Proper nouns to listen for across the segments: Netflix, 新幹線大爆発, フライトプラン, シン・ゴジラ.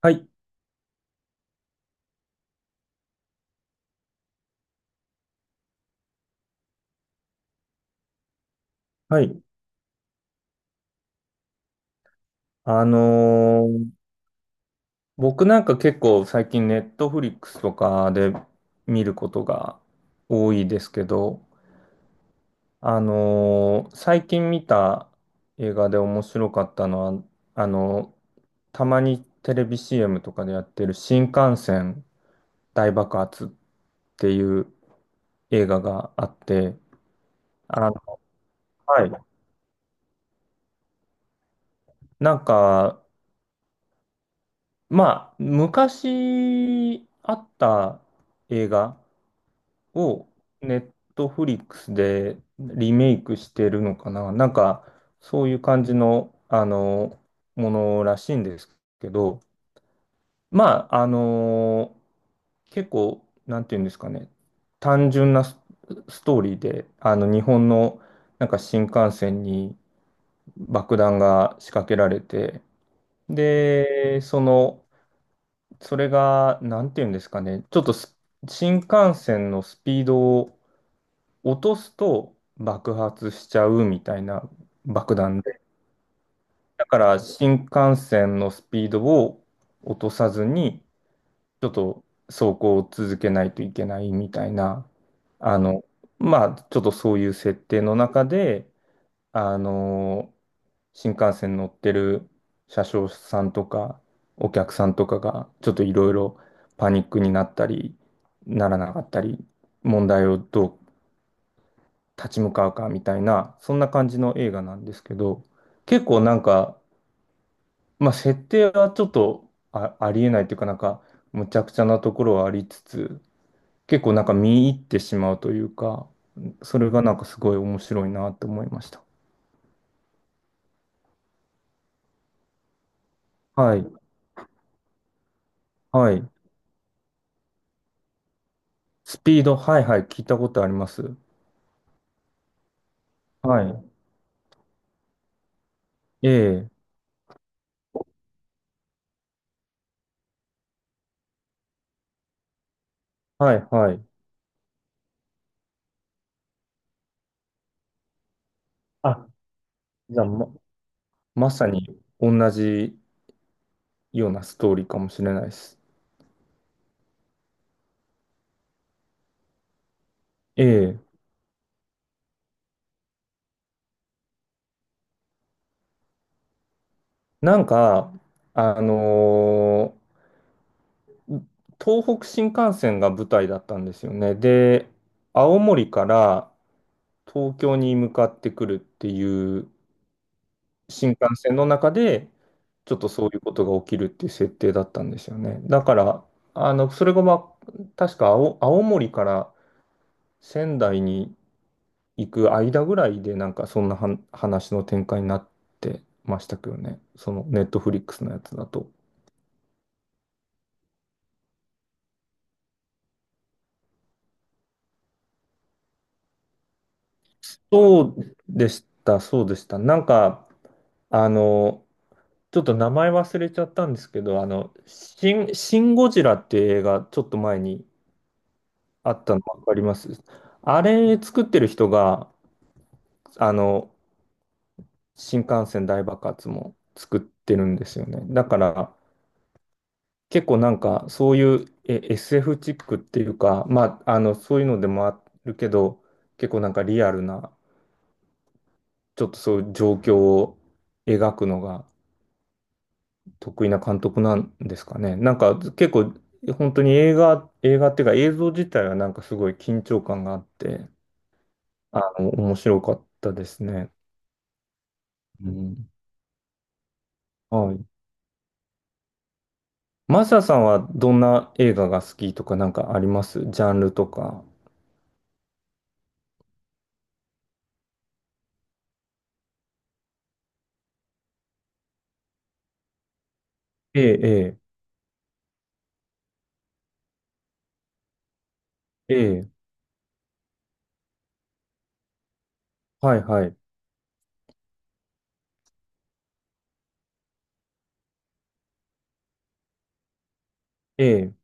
はい。はい。あのー僕なんか結構最近ネットフリックスとかで見ることが多いですけど、最近見た映画で面白かったのは、あのーたまにテレビ CM とかでやってる新幹線大爆発っていう映画があって、あの、はい。なんか、まあ、昔あった映画をネットフリックスでリメイクしてるのかななんか、そういう感じの、ものらしいんですけど、まあ、結構、なんていうんですかね、単純なス、ストーリーで、日本の、なんか新幹線に爆弾が仕掛けられて、で、その、それが、なんていうんですかね、ちょっとス新幹線のスピードを落とすと爆発しちゃうみたいな爆弾で。だから新幹線のスピードを落とさずに、ちょっと走行を続けないといけないみたいな、あの、まあ、ちょっとそういう設定の中で、あの、新幹線乗ってる車掌さんとか、お客さんとかが、ちょっといろいろパニックになったり、ならなかったり、問題をどう立ち向かうかみたいな、そんな感じの映画なんですけど、結構なんか、まあ、設定はちょっとあ、ありえないというかなんか、むちゃくちゃなところはありつつ、結構なんか見入ってしまうというか、それがなんかすごい面白いなと思いました。はい、はい。スピード、はいはい、聞いたことあります。はい。ええ、はい、はい。あ、じゃあまさに同じようなストーリーかもしれないです。ええ、なんか、あのー東北新幹線が舞台だったんですよね。で、青森から東京に向かってくるっていう新幹線の中で、ちょっとそういうことが起きるっていう設定だったんですよね。だから、それが、まあ、確か青森から仙台に行く間ぐらいで、なんかそんな話の展開になってましたけどね。そのネットフリックスのやつだと。そうでした、そうでした。なんか、あの、ちょっと名前忘れちゃったんですけど、シン・ゴジラっていう映画、ちょっと前にあったの分かります。あれ作ってる人が、あの、新幹線大爆発も作ってるんですよね。だから、結構なんか、そういう、え、SF チックっていうか、まあ、そういうのでもあるけど、結構なんかリアルな、ちょっとそういう状況を描くのが、得意な監督なんですかね。なんか結構、本当に映画っていうか映像自体はなんかすごい緊張感があって、面白かったですね。うん。はい。マサさんはどんな映画が好きとかなんかあります？ジャンルとか。ええ、ええ、ええ、はい、はい。ええ、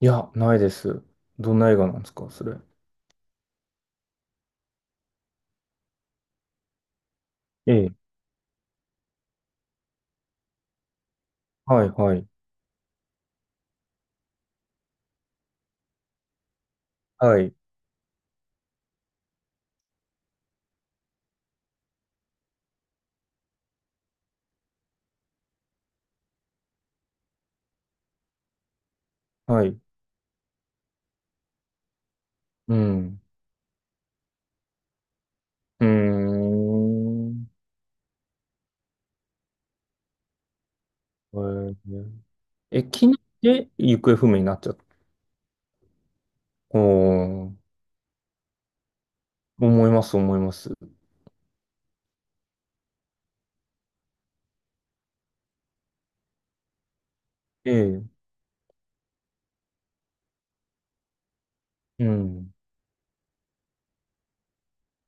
いや、ないです。どんな映画なんですか、それ。ええ、はい、はい、はい、はい。うん。うーん。ええ、え、機内で行方不明になっちゃった。おー、思います、思います。ええ、うん、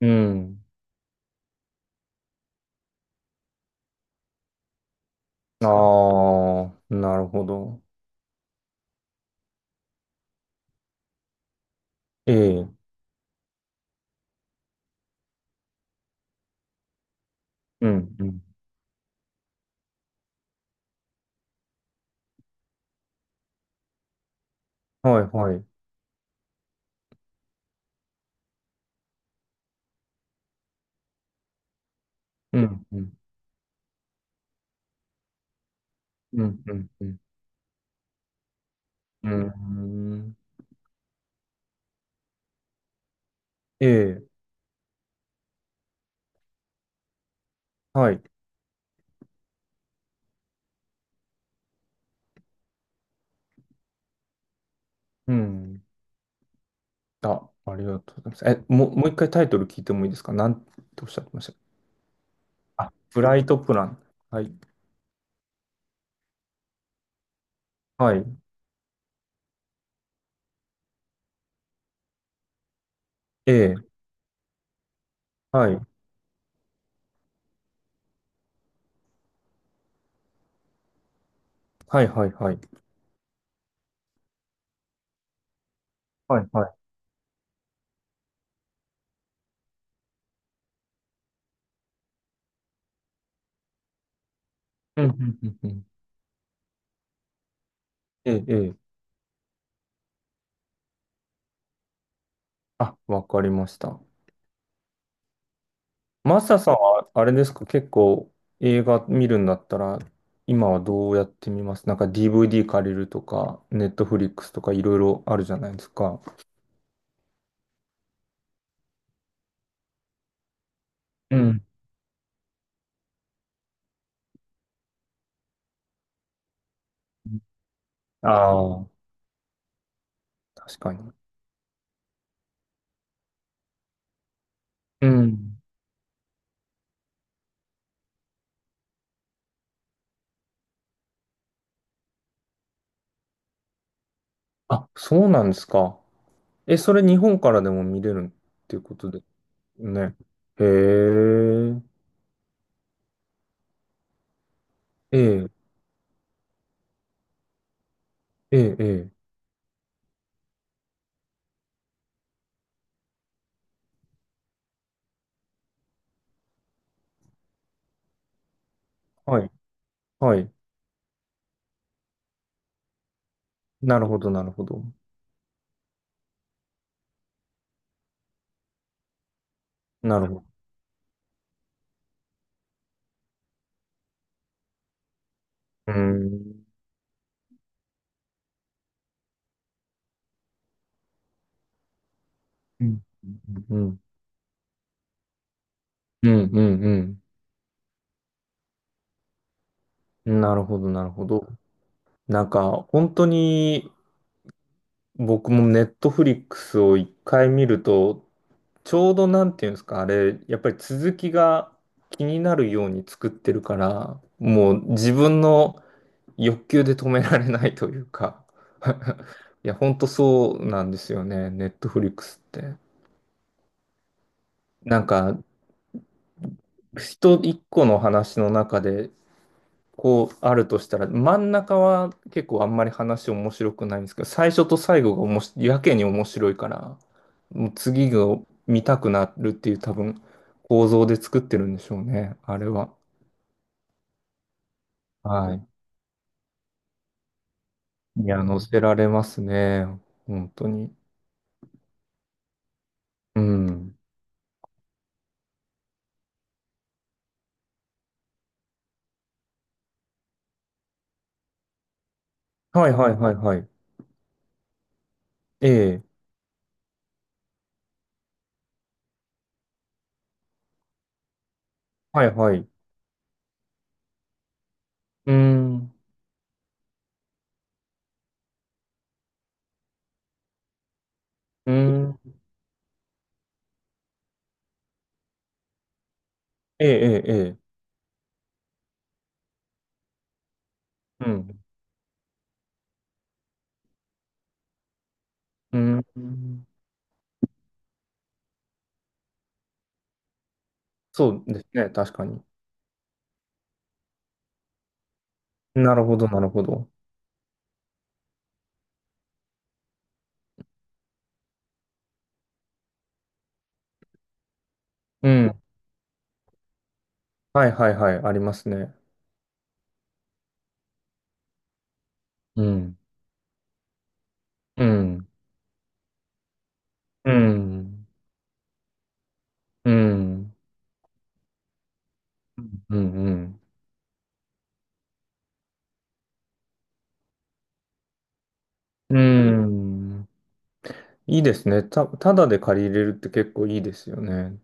うん。ああ、なるほど。ええ、うん、うん。はい、はい。うん、うん、うん、うん、うん。うん、ええ、はい。うん。あ、ありがとうございます。え、もう一回タイトル聞いてもいいですか？なんておっしゃってました？あ、フライトプラン。はい。はい。ええ、はい。はい、はい、はい。はい、はい。うん、うん、うん、うん。ええ、ええ、あ、わかりました。マサさんは、あれですか、結構映画見るんだったら、今はどうやって見ます？なんか DVD 借りるとか、ネットフリックスとかいろいろあるじゃないですか。うん。ああ、確かに。うん。あ、そうなんですか。え、それ日本からでも見れるっていうことですね。へえ、ええ、ええ、ええ、はい、はい。なるほど、なるほど。なるほど。うーん、うん、うん、うん、うん、うん。なるほど、なるほど。なんか、本当に、僕もネットフリックスを一回見ると、ちょうどなんていうんですか、あれ、やっぱり続きが気になるように作ってるから、もう自分の欲求で止められないというか、 いや、本当そうなんですよね、ネットフリックスって。なんか、人一個の話の中で、こうあるとしたら、真ん中は結構あんまり話面白くないんですけど、最初と最後がおもしやけに面白いから、もう次が見たくなるっていう多分構造で作ってるんでしょうね、あれは。はい。いや、乗せられますね、本当に。うん。はいはいはいはい。ええ、はいはい。うん、うん、ええ、ええ、ええ、うん、うん。そうですね、確かに。なるほど、なるほど。うん。はいはいはい、ありますね。うん、うん、うん、うん、うん、うん、うん。いいですね。ただで借りれるって結構いいですよね。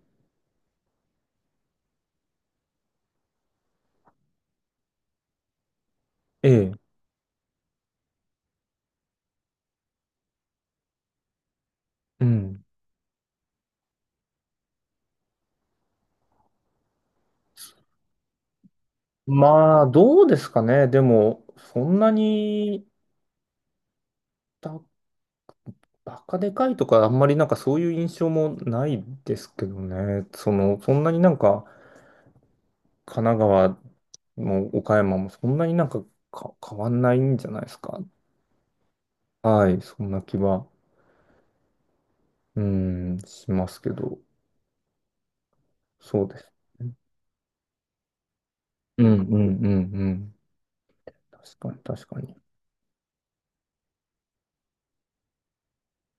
ええ。うん。まあ、どうですかね。でも、そんなに、ばバカでかいとか、あんまりなんかそういう印象もないですけどね。その、そんなになんか、神奈川も岡山もそんなになんか、変わんないんじゃないですか。はい、そんな気は。うん、しますけど、そうですね。うん、うん、うん、うん。確かに、確かに。